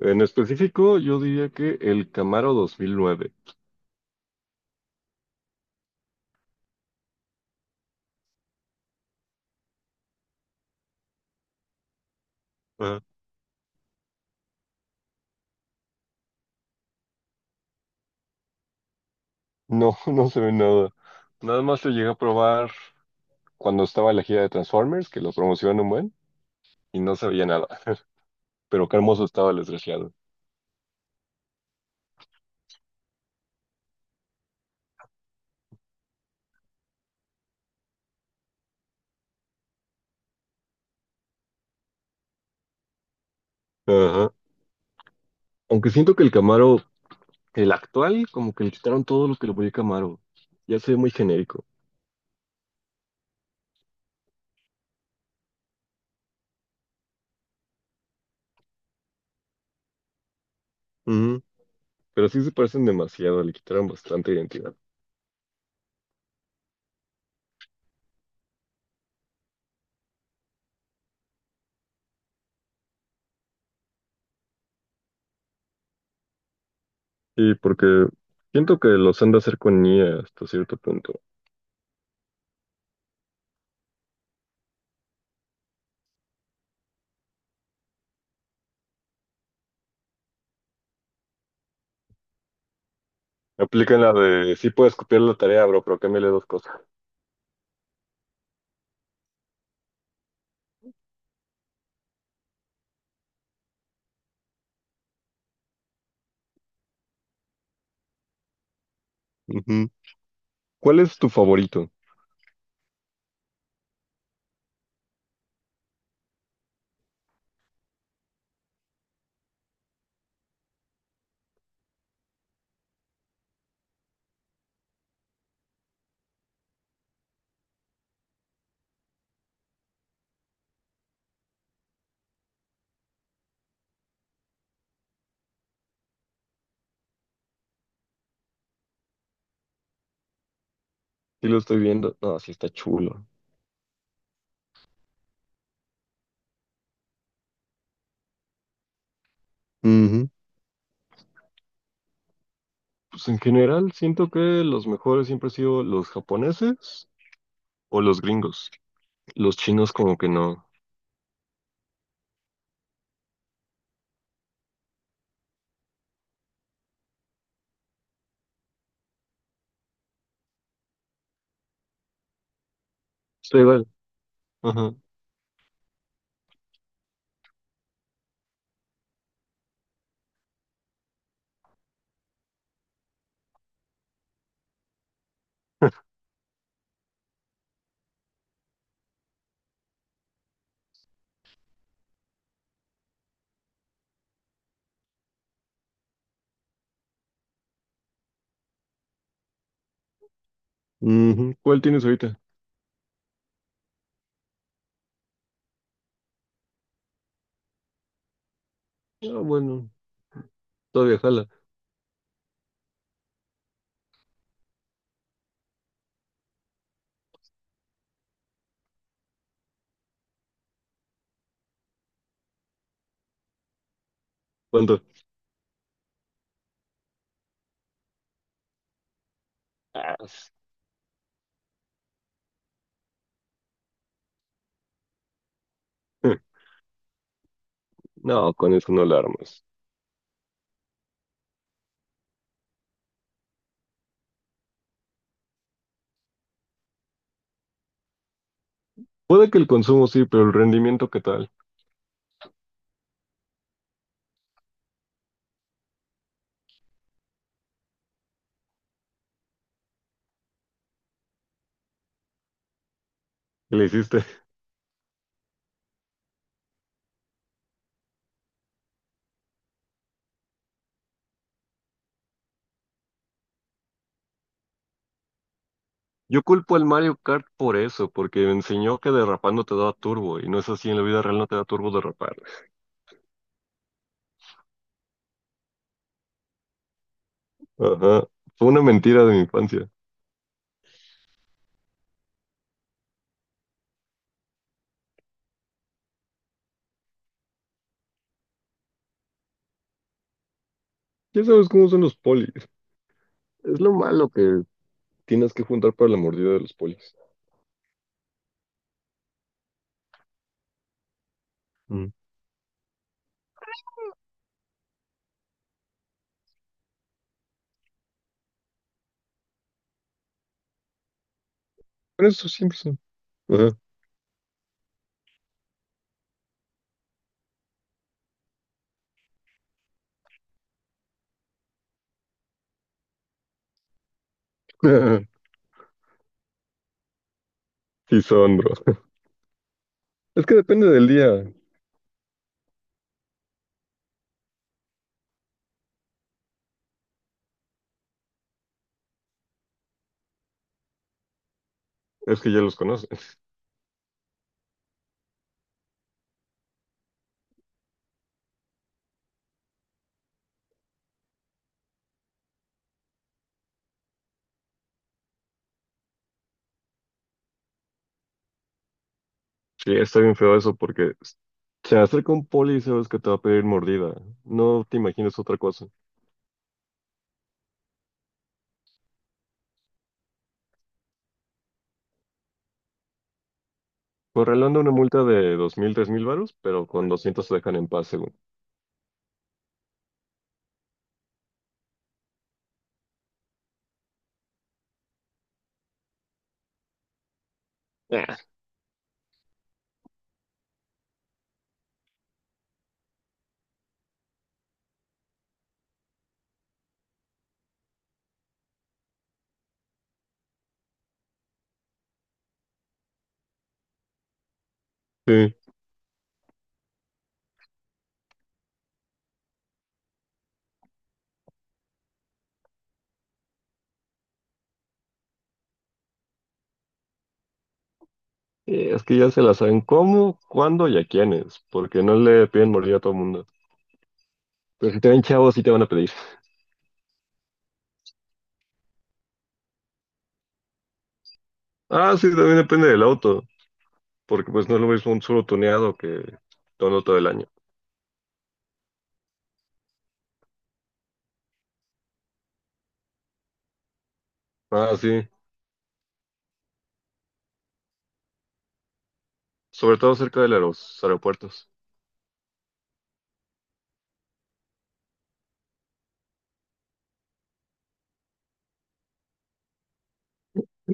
En específico, yo diría que el Camaro 2009. Ajá. No, no se ve nada. Nada más lo llegué a probar cuando estaba en la gira de Transformers, que lo promocionan un buen, y no se veía nada. Pero qué hermoso estaba el desgraciado. Ajá. Aunque siento que el Camaro, el actual, como que le quitaron todo lo que le ponía Camaro. Ya se ve muy genérico. Ujú. Pero sí se parecen demasiado, le quitaron bastante identidad. Y porque siento que los han de hacer con IA hasta cierto punto. Me aplican la de, sí puedes copiar la tarea, bro, pero cámbiale dos cosas. Ujú. ¿Cuál es tu favorito? Sí lo estoy viendo. No, sí está chulo. Ujú. Pues en general siento que los mejores siempre han sido los japoneses o los gringos. Los chinos como que no. Está igual. Ajá. Ujú. ¿Cuál tienes ahorita? Ah, bueno, todavía jala. ¿Cuánto? Ah, s- No, con eso no la armas. Puede que el consumo sí, pero el rendimiento, ¿qué tal? ¿Qué le hiciste? Yo culpo al Mario Kart por eso, porque me enseñó que derrapando te da turbo, y no es así, en la vida real no te da turbo derrapar. Ajá, fue una mentira de mi infancia. Ya sabes cómo son los polis. Es lo malo que tienes que juntar para la mordida de los polis. Mm. Pero eso siempre son. Ajá. Sí son, bro. Es que depende del día. Es que ya los conoces. Sí, está bien feo eso porque se acerca un poli y sabes que te va a pedir mordida. No te imagines otra cosa. Por una multa de 2000 3000 varos, pero con 200 se dejan en paz, según. Ah, sí. Es que ya se la saben cómo, cuándo y a quiénes, porque no le piden morir a todo mundo. Pero si te ven chavos, sí te van a pedir. Ah, sí, también depende del auto, porque pues no es lo mismo un solo tuneado que todo todo el año. Ah, sí, sobre todo cerca de los aeropuertos.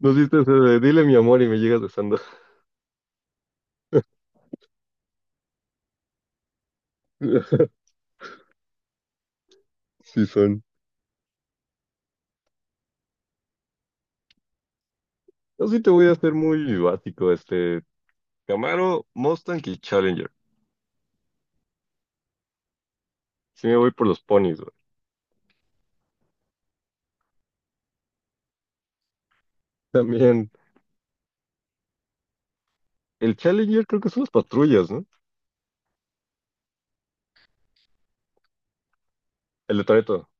No hiciste ese de, dile mi amor y me llegas besando. Sí son. Yo sí te voy a hacer muy básico, este, Camaro, Mustang y Challenger. Sí me voy por los ponis, güey. También. El Challenger creo que son las patrullas, ¿no? El de Toreto.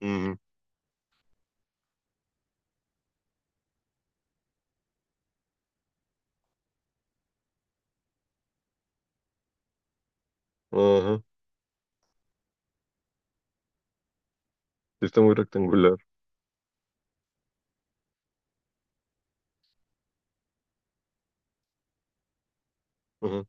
Ujú. Ajá. Sí, está muy rectangular. Ajá.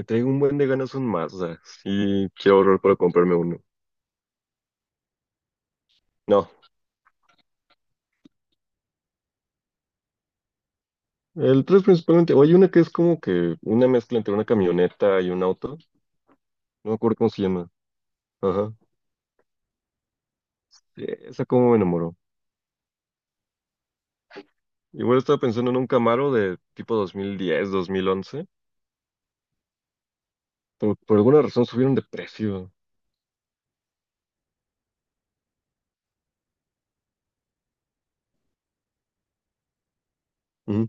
Le traigo un buen de ganas a un Mazda. Sí, quiero ahorrar para comprarme uno. No. El 3 principalmente. O hay una que es como que una mezcla entre una camioneta y un auto. No me acuerdo cómo se llama. Ajá. Sí, esa como me enamoró. Igual estaba pensando en un Camaro de tipo 2010, 2011. Pero por alguna razón subieron de precio. Ujú.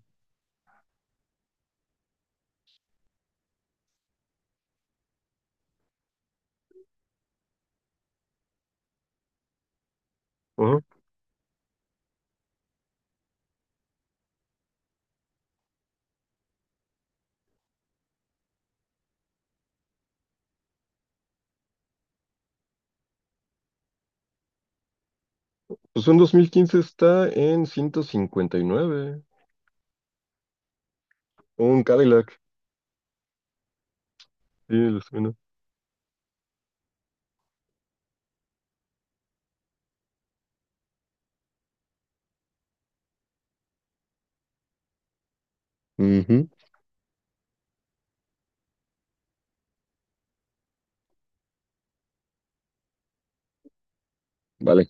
Ajá. Pues un 2015 está en 159. Un Cadillac. Sí, lo suena. Ujú. Vale.